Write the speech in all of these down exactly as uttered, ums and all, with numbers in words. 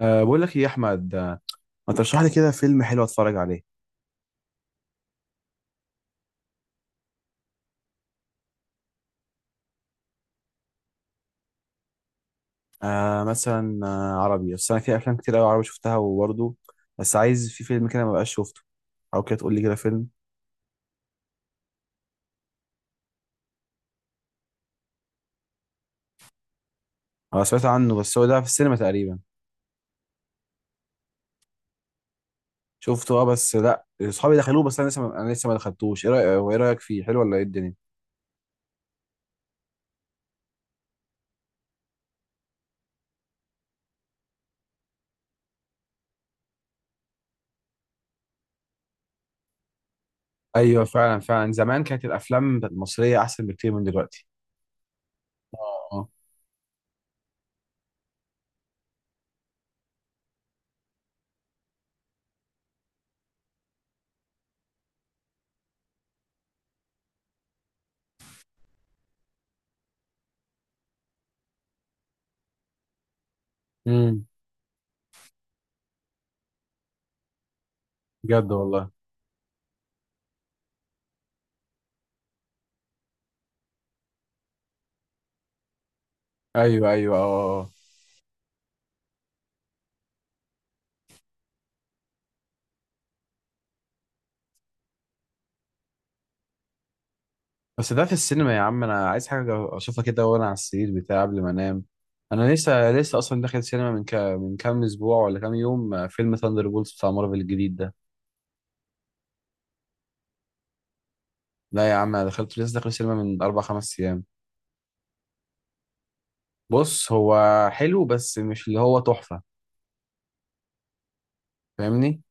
أه بقول لك ايه يا احمد آه، ما ترشح لي كده فيلم حلو اتفرج عليه. أه مثلا آه، عربي، بس انا في افلام كتير قوي عربي شفتها وبرضه بس عايز في فيلم كده ما بقاش شفته او كده تقول لي كده فيلم. انا سمعت عنه، بس هو ده في السينما تقريبا. شفته، اه، بس لا اصحابي دخلوه، بس انا لسه ما انا لسه ما دخلتوش. ايه رايك؟ وايه رايك فيه حلو ولا ايه الدنيا؟ ايوه، فعلا فعلا زمان كانت الافلام المصريه احسن بكتير من دلوقتي. اه. آه. امم، بجد والله. ايوه ايوه، اه، آه، آه. بس ده في السينما يا عم، انا عايز حاجه اشوفها كده وانا على السرير بتاعي قبل ما انام. انا لسه لسه اصلا داخل سينما من ك... من كام اسبوع ولا كام يوم، آه، فيلم ثاندر بولز بتاع مارفل الجديد ده. لا يا عم، انا دخلت لسه داخل سينما من اربع خمس ايام. بص هو حلو، بس مش اللي هو تحفه. فاهمني؟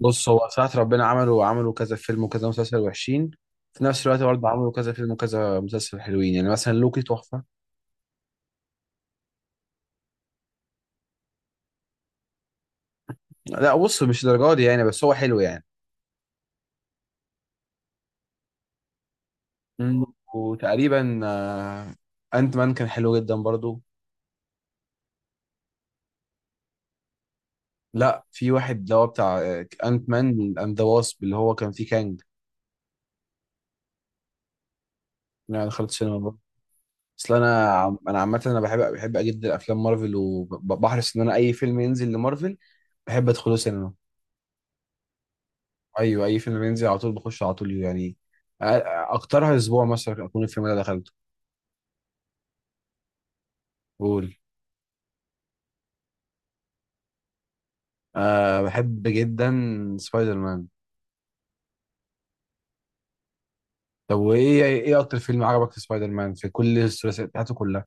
بص هو ساعة ربنا عملوا عملوا كذا فيلم وكذا مسلسل وحشين، في نفس الوقت برضه عملوا كذا فيلم وكذا مسلسل حلوين. يعني مثلا لوكي تحفه. لا بص، مش الدرجه دي يعني، بس هو حلو يعني. مم. وتقريبا آه، انت مان كان حلو جدا برضو. لا، في واحد اللي هو بتاع آه، انت مان اند ذا واسب اللي هو كان فيه كانج. يعني دخلت السينما برضو. اصل انا عم- انا عامه انا بحب بحب جدا افلام مارفل، وبحرص ان انا اي فيلم ينزل لمارفل بحب ادخله سينما. ايوه، اي فيلم ينزل على طول بخش على طول يعني. أ- اكترها اسبوع مثلا اكون الفيلم ده دخلته. قول. أه، بحب جدا سبايدر مان. طب وايه ايه اكتر فيلم عجبك في سبايدر مان في كل الثلاثيات بتاعته كلها؟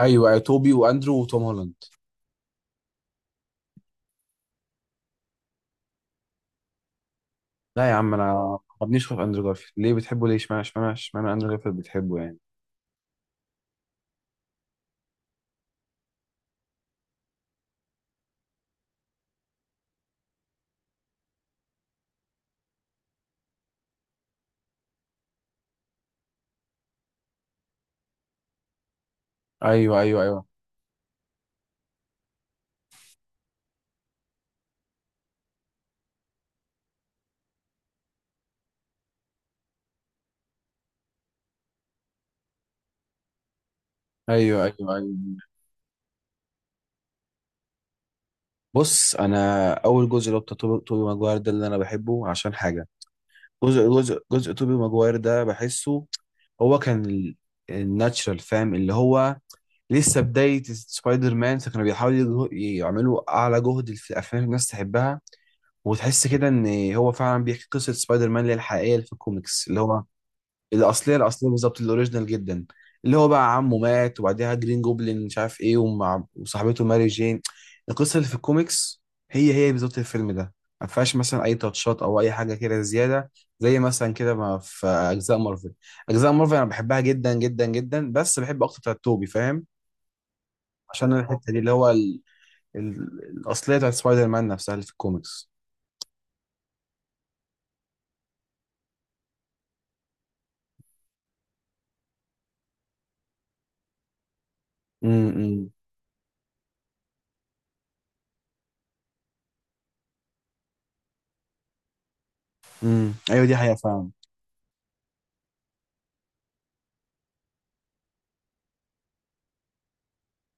ايوه، أيوة، توبي واندرو وتوم هولاند. لا يا عم، انا ما بنيش في اندرو جارفيلد. ليه بتحبه؟ ليه اشمعنى اشمعنى اشمعنى اندرو جارفيلد بتحبه يعني؟ ايوه ايوه ايوه. ايوه ايوه ايوه. بص، انا اول جزء اللي هو بتاع توبي توبي ماجواير ده اللي انا بحبه عشان حاجه. جزء جزء جزء توبي ماجواير ده بحسه هو كان ال- الناتشرال، فاهم؟ اللي هو لسه بدايه سبايدر مان، فكانوا بيحاولوا يجه- يعملوا اعلى جهد في الافلام الناس تحبها وتحس كده ان هو فعلا بيحكي قصه سبايدر مان اللي هي الحقيقيه اللي في الكوميكس، اللي هو الاصليه. الاصليه بالظبط، الاوريجينال جدا. اللي هو بقى عمه مات وبعديها جرين جوبلين مش عارف ايه ومع وصاحبته ماري جين. القصه اللي في الكوميكس هي هي بالظبط الفيلم ده. ما فيهاش مثلا اي تاتشات او اي حاجه كده زياده، زي مثلا كده ما في اجزاء مارفل. اجزاء مارفل انا بحبها جدا جدا جدا، بس بحب اكتر بتاعت توبي، فاهم؟ عشان أنا الحته دي اللي هو ال... ال... الاصليه بتاعت سبايدر مان نفسها اللي في الكوميكس. امم امم، ايوه دي حقيقه فعلا.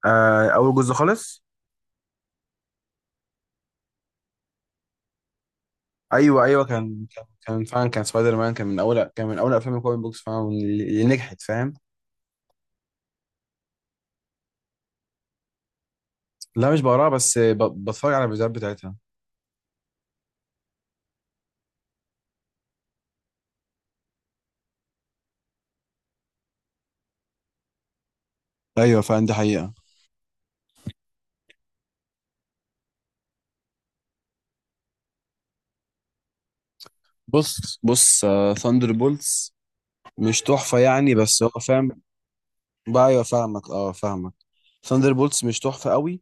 آه اول جزء خالص. ايوه ايوه، كان كان كان فعلا كان سبايدر مان كان من اول، كان من اول افلام الكوميك بوكس فعلا اللي اللي نجحت، فاهم؟ لا مش بقراها، بس ب- بتفرج على الفيديوهات بتاعتها. ايوه فعلا، دي حقيقة. بص بص ثاندر بولتس مش تحفة يعني، بس هو فاهم. بقى ايوه فاهمك، اه فاهمك. ثاندر بولتس مش تحفة قوي،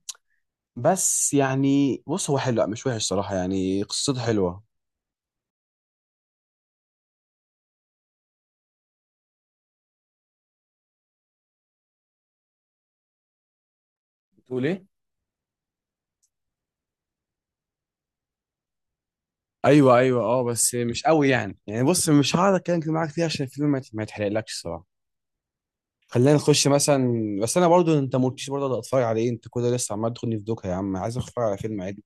بس يعني بص هو حلو، لا مش وحش صراحة يعني، قصته حلوة. بتقول ايه؟ ايوه ايوه، اه، بس مش قوي يعني. يعني بص، مش هقعد اتكلم كتير معاك فيها عشان الفيلم ما يت- ما يتحرقلكش الصراحة. خلينا نخش مثلا. بس انا برضو انت ما قلتليش برضو أقدر اتفرج على ايه. انت كده لسه عمال تاخدني في دوكا يا عم، عايز اتفرج على فيلم عادي.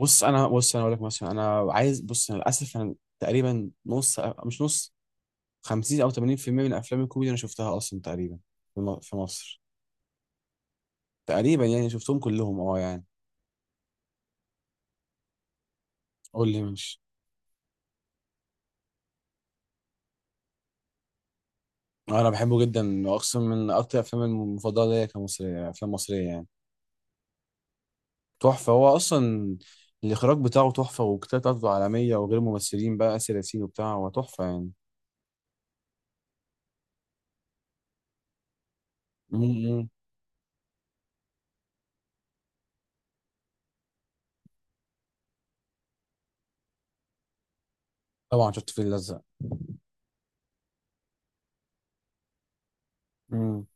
بص انا بص انا اقول لك مثلا، انا عايز، بص انا للاسف انا تقريبا نص، مش نص، خمسين او ثمانين في المية من افلام الكوميدي انا شفتها اصلا تقريبا في م- في مصر. تقريبا يعني شفتهم كلهم اه يعني. قول لي ماشي. آه، انا بحبه جدا واقسم، من اكتر افلام المفضله ليا كمصريه، افلام مصريه يعني. تحفه هو اصلا. الاخراج بتاعه تحفه، والكتابه بتاعته عالميه، وغير ممثلين بقى اسر ياسين وبتاع، هو تحفه يعني. امم. طبعا شفت الفيل الازرق. امم.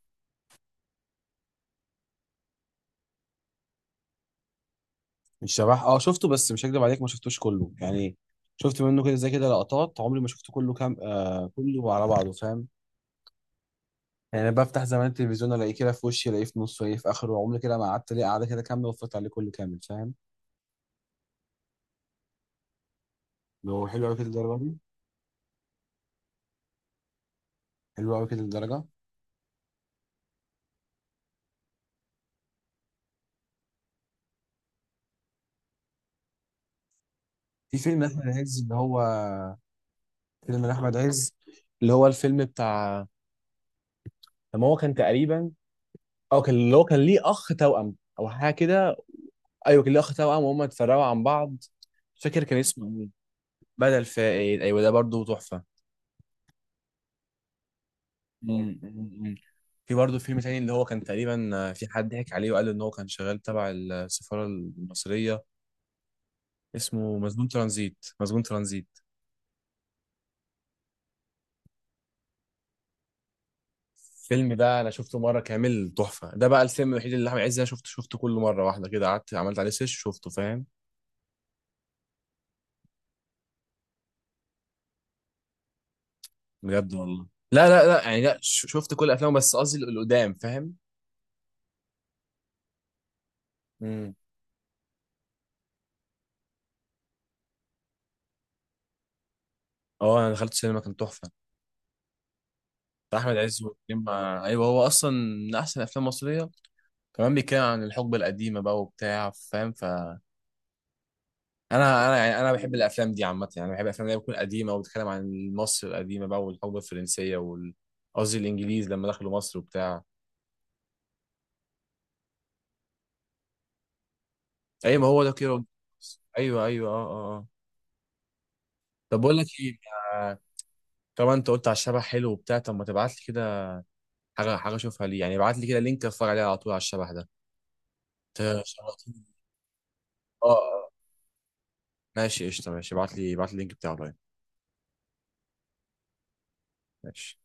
الشبح اه شفته، بس مش هكدب عليك ما شفتوش كله يعني. شفت منه كده زي كده لقطات، عمري ما شفته كله كام آه كله على بعضه، فاهم؟ يعني بفتح زمان التلفزيون الاقيه كده في وشي، الاقيه في نصه، الاقيه في اخره، عمري كده ما قعدت ليه قعده كده كامله واتفرجت عليه كله كامل، فاهم؟ هو حلو قوي كده الدرجه دي؟ حلو قوي كده الدرجه. في فيلم احمد عز اللي هو، فيلم احمد عز اللي هو الفيلم بتاع لما هو كان تقريبا، او كان اللي هو كان ليه اخ توأم او حاجه كده. ايوه كان ليه اخ توأم وهم اتفرقوا عن بعض. مش فاكر كان اسمه ايه. بدل فائد، ايوه، ده برضه تحفه. مم، مم، مم. في برضه فيلم تاني اللي هو كان تقريبا في حد ضحك عليه وقال ان هو كان شغال تبع السفاره المصريه، اسمه مسجون ترانزيت. مسجون ترانزيت الفيلم ده انا شفته مره كامل، تحفه. ده بقى الفيلم الوحيد اللي احمد عز انا شفته شفته كل مره واحده كده، قعدت عملت عليه سيرش شفته، فاهم؟ بجد والله، لا لا لا، يعني لا ش- شفت كل افلامه بس قصدي القدام، فاهم؟ امم. اه انا دخلت السينما كان تحفه، بتاع احمد عز وكريم. ايوه هو اصلا من احسن افلام مصريه، كمان بيتكلم عن الحقبه القديمه بقى وبتاع، فاهم؟ ف انا انا يعني انا بحب الافلام دي عامه، يعني بحب الافلام اللي هي بتكون قديمه وبتتكلم عن مصر القديمه بقى والحقبه الفرنسيه وال، قصدي الانجليز لما دخلوا مصر وبتاع. ايوه ما هو ده كده. ايوه ايوه، اه اه، آه. طب بقول لك ايه. آه، طبعا انت قلت على الشبح حلو وبتاع، طب ما تبعت لي كده حاجه حاجه اشوفها ليه يعني. ابعت لي كده لينك اتفرج عليه على طول، على الشبح ده. أنت شوقتني. اه، آه. ماشي، قشطه. ماشي ابعت لي، ابعت لي اللينك بتاعه. ماشي.